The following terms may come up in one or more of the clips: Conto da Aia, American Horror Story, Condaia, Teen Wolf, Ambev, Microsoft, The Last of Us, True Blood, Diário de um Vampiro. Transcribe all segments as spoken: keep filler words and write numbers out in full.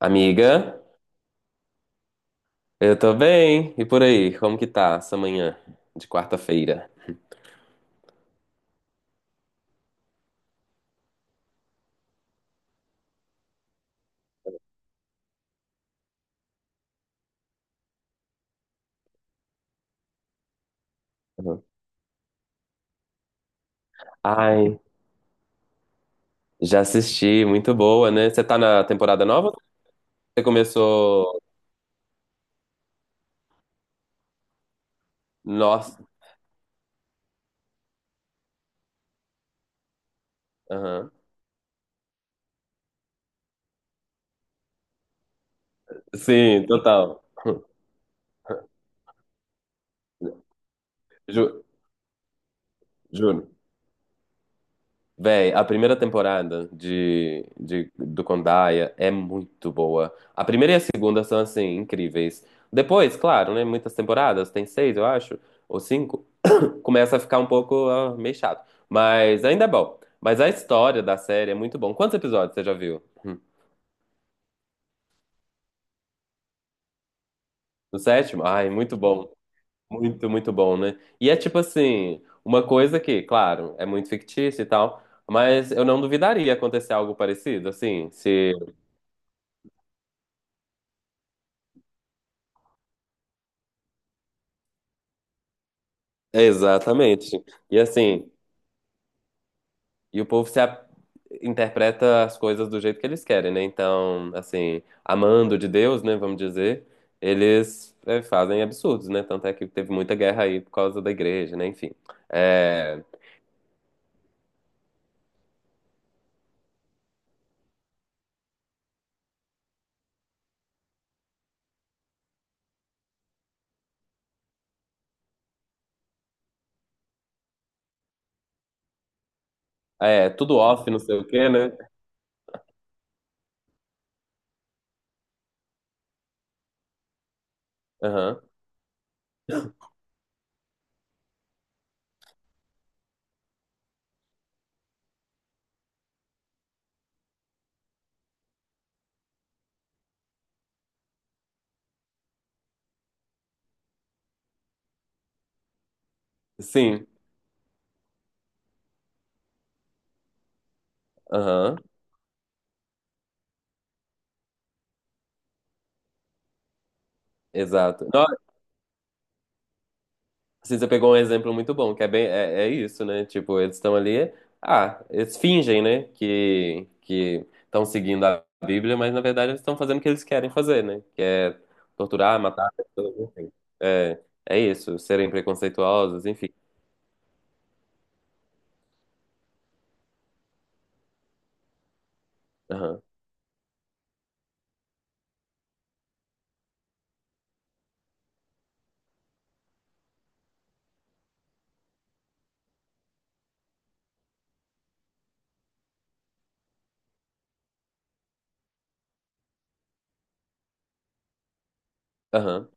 Amiga, eu tô bem. E por aí, como que tá essa manhã de quarta-feira? Uhum. Ai, já assisti, muito boa, né? Você tá na temporada nova? Ou Você começou. Nossa. Aham. Sim, total. Ju- Juro. Véi, a primeira temporada de, de, do Condaia é muito boa. A primeira e a segunda são, assim, incríveis. Depois, claro, né? Muitas temporadas, tem seis, eu acho, ou cinco. Começa a ficar um pouco ah, meio chato. Mas ainda é bom. Mas a história da série é muito bom. Quantos episódios você já viu? Hum. No sétimo? Ai, muito bom. Muito, muito bom, né? E é tipo assim, uma coisa que, claro, é muito fictícia e tal. Mas eu não duvidaria acontecer algo parecido, assim, se Exatamente. E assim, e o povo se a- interpreta as coisas do jeito que eles querem, né? Então, assim, amando de Deus, né, vamos dizer, eles é, fazem absurdos, né? Tanto é que teve muita guerra aí por causa da igreja, né? Enfim. É, é tudo off, não sei o quê, né? Aham. Sim. Aham. Exato. Assim, você pegou um exemplo muito bom, que é bem, é, é isso, né? Tipo, eles estão ali, ah, eles fingem, né, que que estão seguindo a Bíblia, mas na verdade eles estão fazendo o que eles querem fazer, né? Que é torturar, matar, pessoas, enfim. É, é isso, serem preconceituosos, enfim. Aham, aham,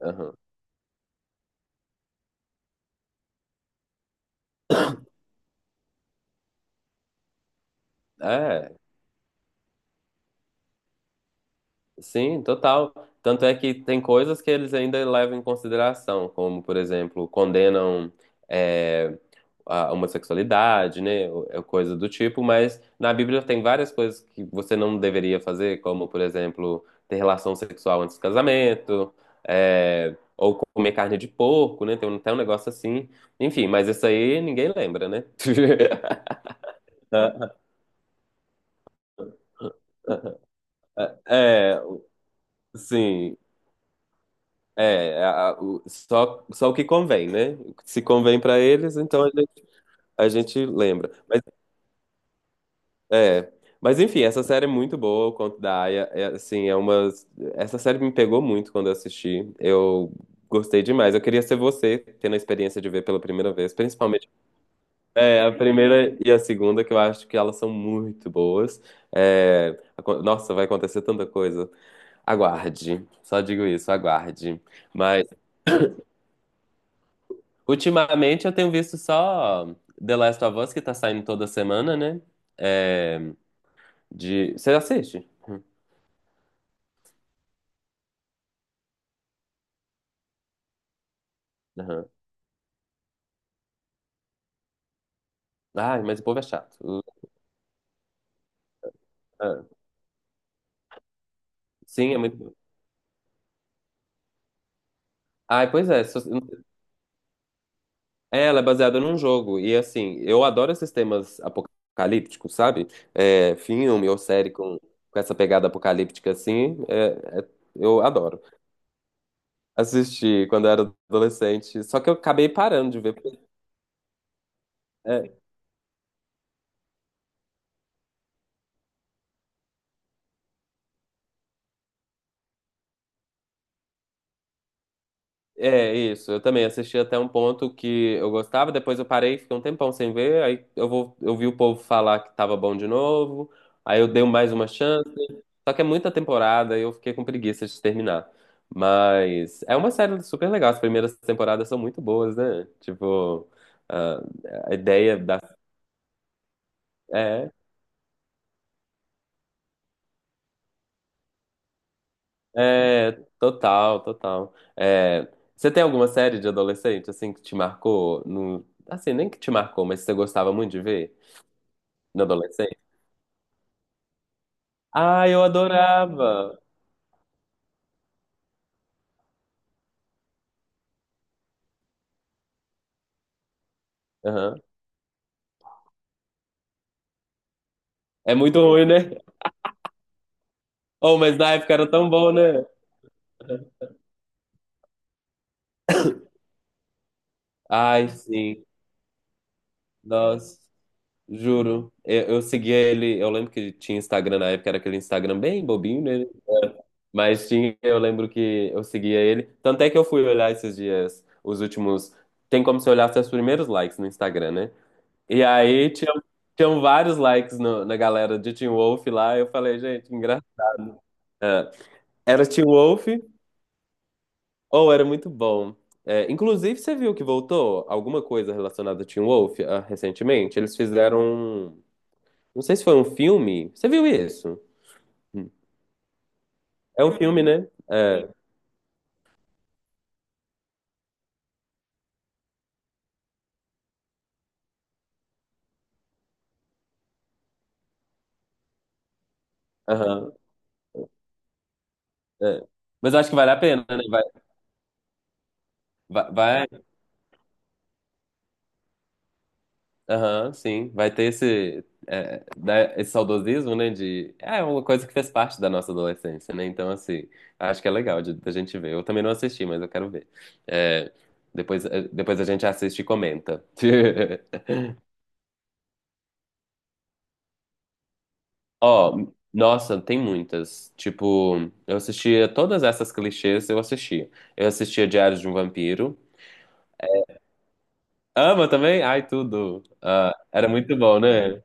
aham. É. Sim, total. Tanto é que tem coisas que eles ainda levam em consideração, como, por exemplo, condenam é, a homossexualidade, né? ou- é Coisa do tipo, mas na Bíblia tem várias coisas que você não deveria fazer, como, por exemplo, ter relação sexual antes do casamento, é, ou comer carne de porco, né? Tem um- até um negócio assim. Enfim, mas isso aí ninguém lembra, né? É, sim. É, a- a- o- só, só o que convém, né? O que se convém pra eles, então a gente, a gente lembra. É, mas enfim, essa série é muito boa, o Conto da Aia. É, assim, é uma. Essa série me pegou muito quando eu assisti. Eu gostei demais. Eu queria ser você, tendo a experiência de ver pela primeira vez, principalmente. É, a primeira e a segunda, que eu acho que elas são muito boas. É, acon- nossa, vai acontecer tanta coisa. Aguarde. Só digo isso, aguarde. Mas ultimamente eu tenho visto só The Last of Us, que tá saindo toda semana, né? É, de... Você assiste? Aham. Ai, mas o povo é chato. Uh, ah, Sim, é muito bom. Ai, pois é. so- é, Ela é baseada num jogo. E assim, eu adoro esses temas apocalípticos, sabe? É, filme ou série com, com essa pegada apocalíptica assim. É- é- eu adoro. Assisti quando eu era adolescente. Só que eu acabei parando de ver. É, isso. Eu também assisti até um ponto que eu gostava, depois eu parei, fiquei um tempão sem ver, aí eu vou, eu vi o povo falar que tava bom de novo, aí eu dei mais uma chance, só que é muita temporada e eu fiquei com preguiça de terminar. Mas é uma série super legal, as primeiras temporadas são muito boas, né? Tipo, ah, a ideia da... É, é, total, total. É, você tem alguma série de adolescente, assim, que te marcou? No... Assim, nem que te marcou, mas você gostava muito de ver na adolescência? Ah, eu adorava. Aham. É muito ruim, né? Oh, mas na época era tão bom, né? Ai, sim. Nossa, juro. Eu, eu seguia ele. Eu lembro que tinha Instagram na época, era aquele Instagram bem bobinho, né? Mas tinha, eu lembro que eu seguia ele. Tanto é que eu fui olhar esses dias, os últimos. Tem como se olhasse os primeiros likes no Instagram, né? E aí tinha, tinham vários likes no- na galera de Teen Wolf lá. Eu falei, gente, engraçado. Era Teen Wolf. Oh, era muito bom. É, inclusive, você viu que voltou alguma coisa relacionada a Teen Wolf, ah, recentemente? Eles fizeram um- não sei se foi um filme. Você viu isso? Hum. É um filme, né? É. Aham. É. Mas eu acho que vale a pena, né? Vai. Vai. vai- Aham, sim. Vai ter esse. é, né, esse saudosismo, né? De... É uma coisa que fez parte da nossa adolescência, né? Então, assim. Acho que é legal de, da gente ver. Eu também não assisti, mas eu quero ver. É, depois, é, depois a gente assiste e comenta. Ó, nossa, tem muitas. Tipo, eu assistia todas essas clichês, eu assistia. Eu assistia Diário de um Vampiro. Ama também? Ai, tudo. Ah, era muito bom, né?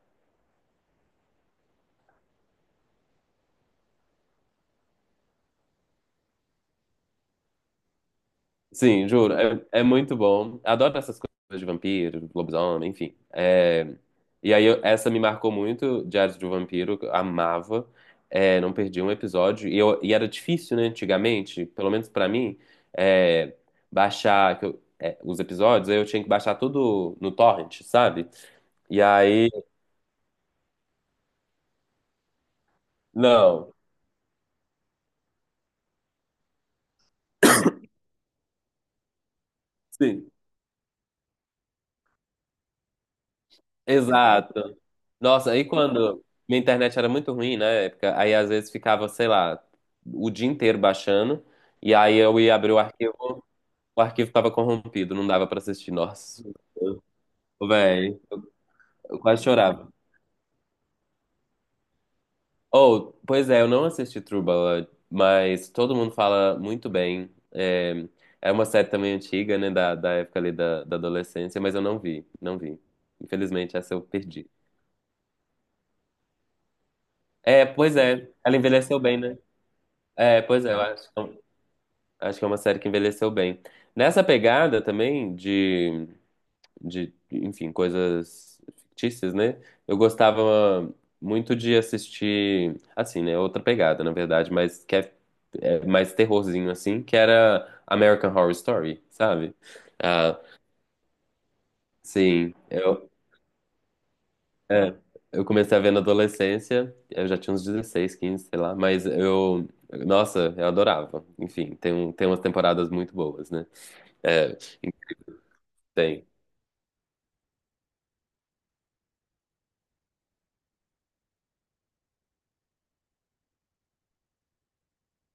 Sim, juro. É, é muito bom. Adoro essas coisas de vampiro, lobisomem, enfim. É, e aí, eu- essa me marcou muito, Diários de um Vampiro, que eu amava. É, não perdi um episódio. E, eu- e era difícil, né, antigamente, pelo menos pra mim, é, baixar que eu- é, os episódios. Aí eu tinha que baixar tudo no torrent, sabe? E aí, não. Sim, exato. Nossa, aí quando minha internet era muito ruim na época, aí às vezes ficava, sei lá, o dia inteiro baixando, e aí eu ia abrir o arquivo, o arquivo tava corrompido, não dava pra assistir. Nossa, velho, eu quase chorava. Oh, pois é, eu não assisti True Blood, mas todo mundo fala muito bem. É, é uma série também antiga, né, da, da época ali da, da adolescência, mas eu não vi, não vi. Infelizmente, essa eu perdi. É, pois é, ela envelheceu bem, né? É, pois é, eu acho. Acho que é uma série que envelheceu bem. Nessa pegada também de, de, enfim, coisas fictícias, né? Eu gostava muito de assistir, assim, né? Outra pegada, na verdade, mas que é, é mais terrorzinho, assim, que era American Horror Story, sabe? Ah, sim, eu, é, eu, comecei a ver na adolescência, eu já tinha uns dezesseis, quinze, sei lá, mas eu, nossa, eu adorava. Enfim, tem, um, tem umas temporadas muito boas, né? É, tem.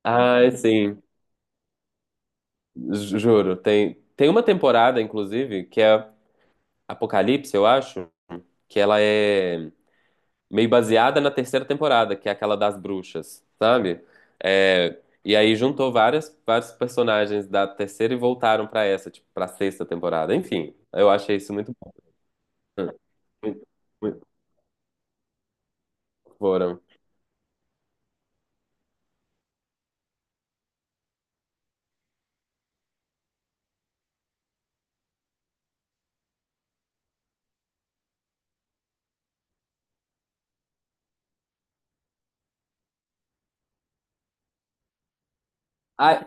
Ai, sim, ju- juro. Tem, tem uma temporada, inclusive, que é Apocalipse, eu acho, que ela é meio baseada na terceira temporada, que é aquela das bruxas, sabe? É, e aí juntou várias, vários personagens da terceira e voltaram pra essa, tipo, pra sexta temporada. Enfim, eu achei isso muito bom. Hum. Muito, muito foram. Ai,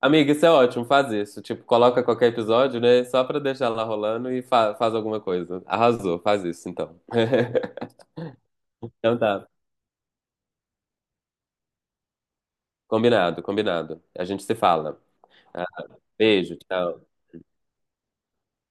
amiga, isso é ótimo, faz isso. Tipo, coloca qualquer episódio, né? Só pra deixar lá rolando e fa- faz alguma coisa. Arrasou, faz isso então. Então tá. Combinado, combinado. A gente se fala. Ah, beijo, tchau.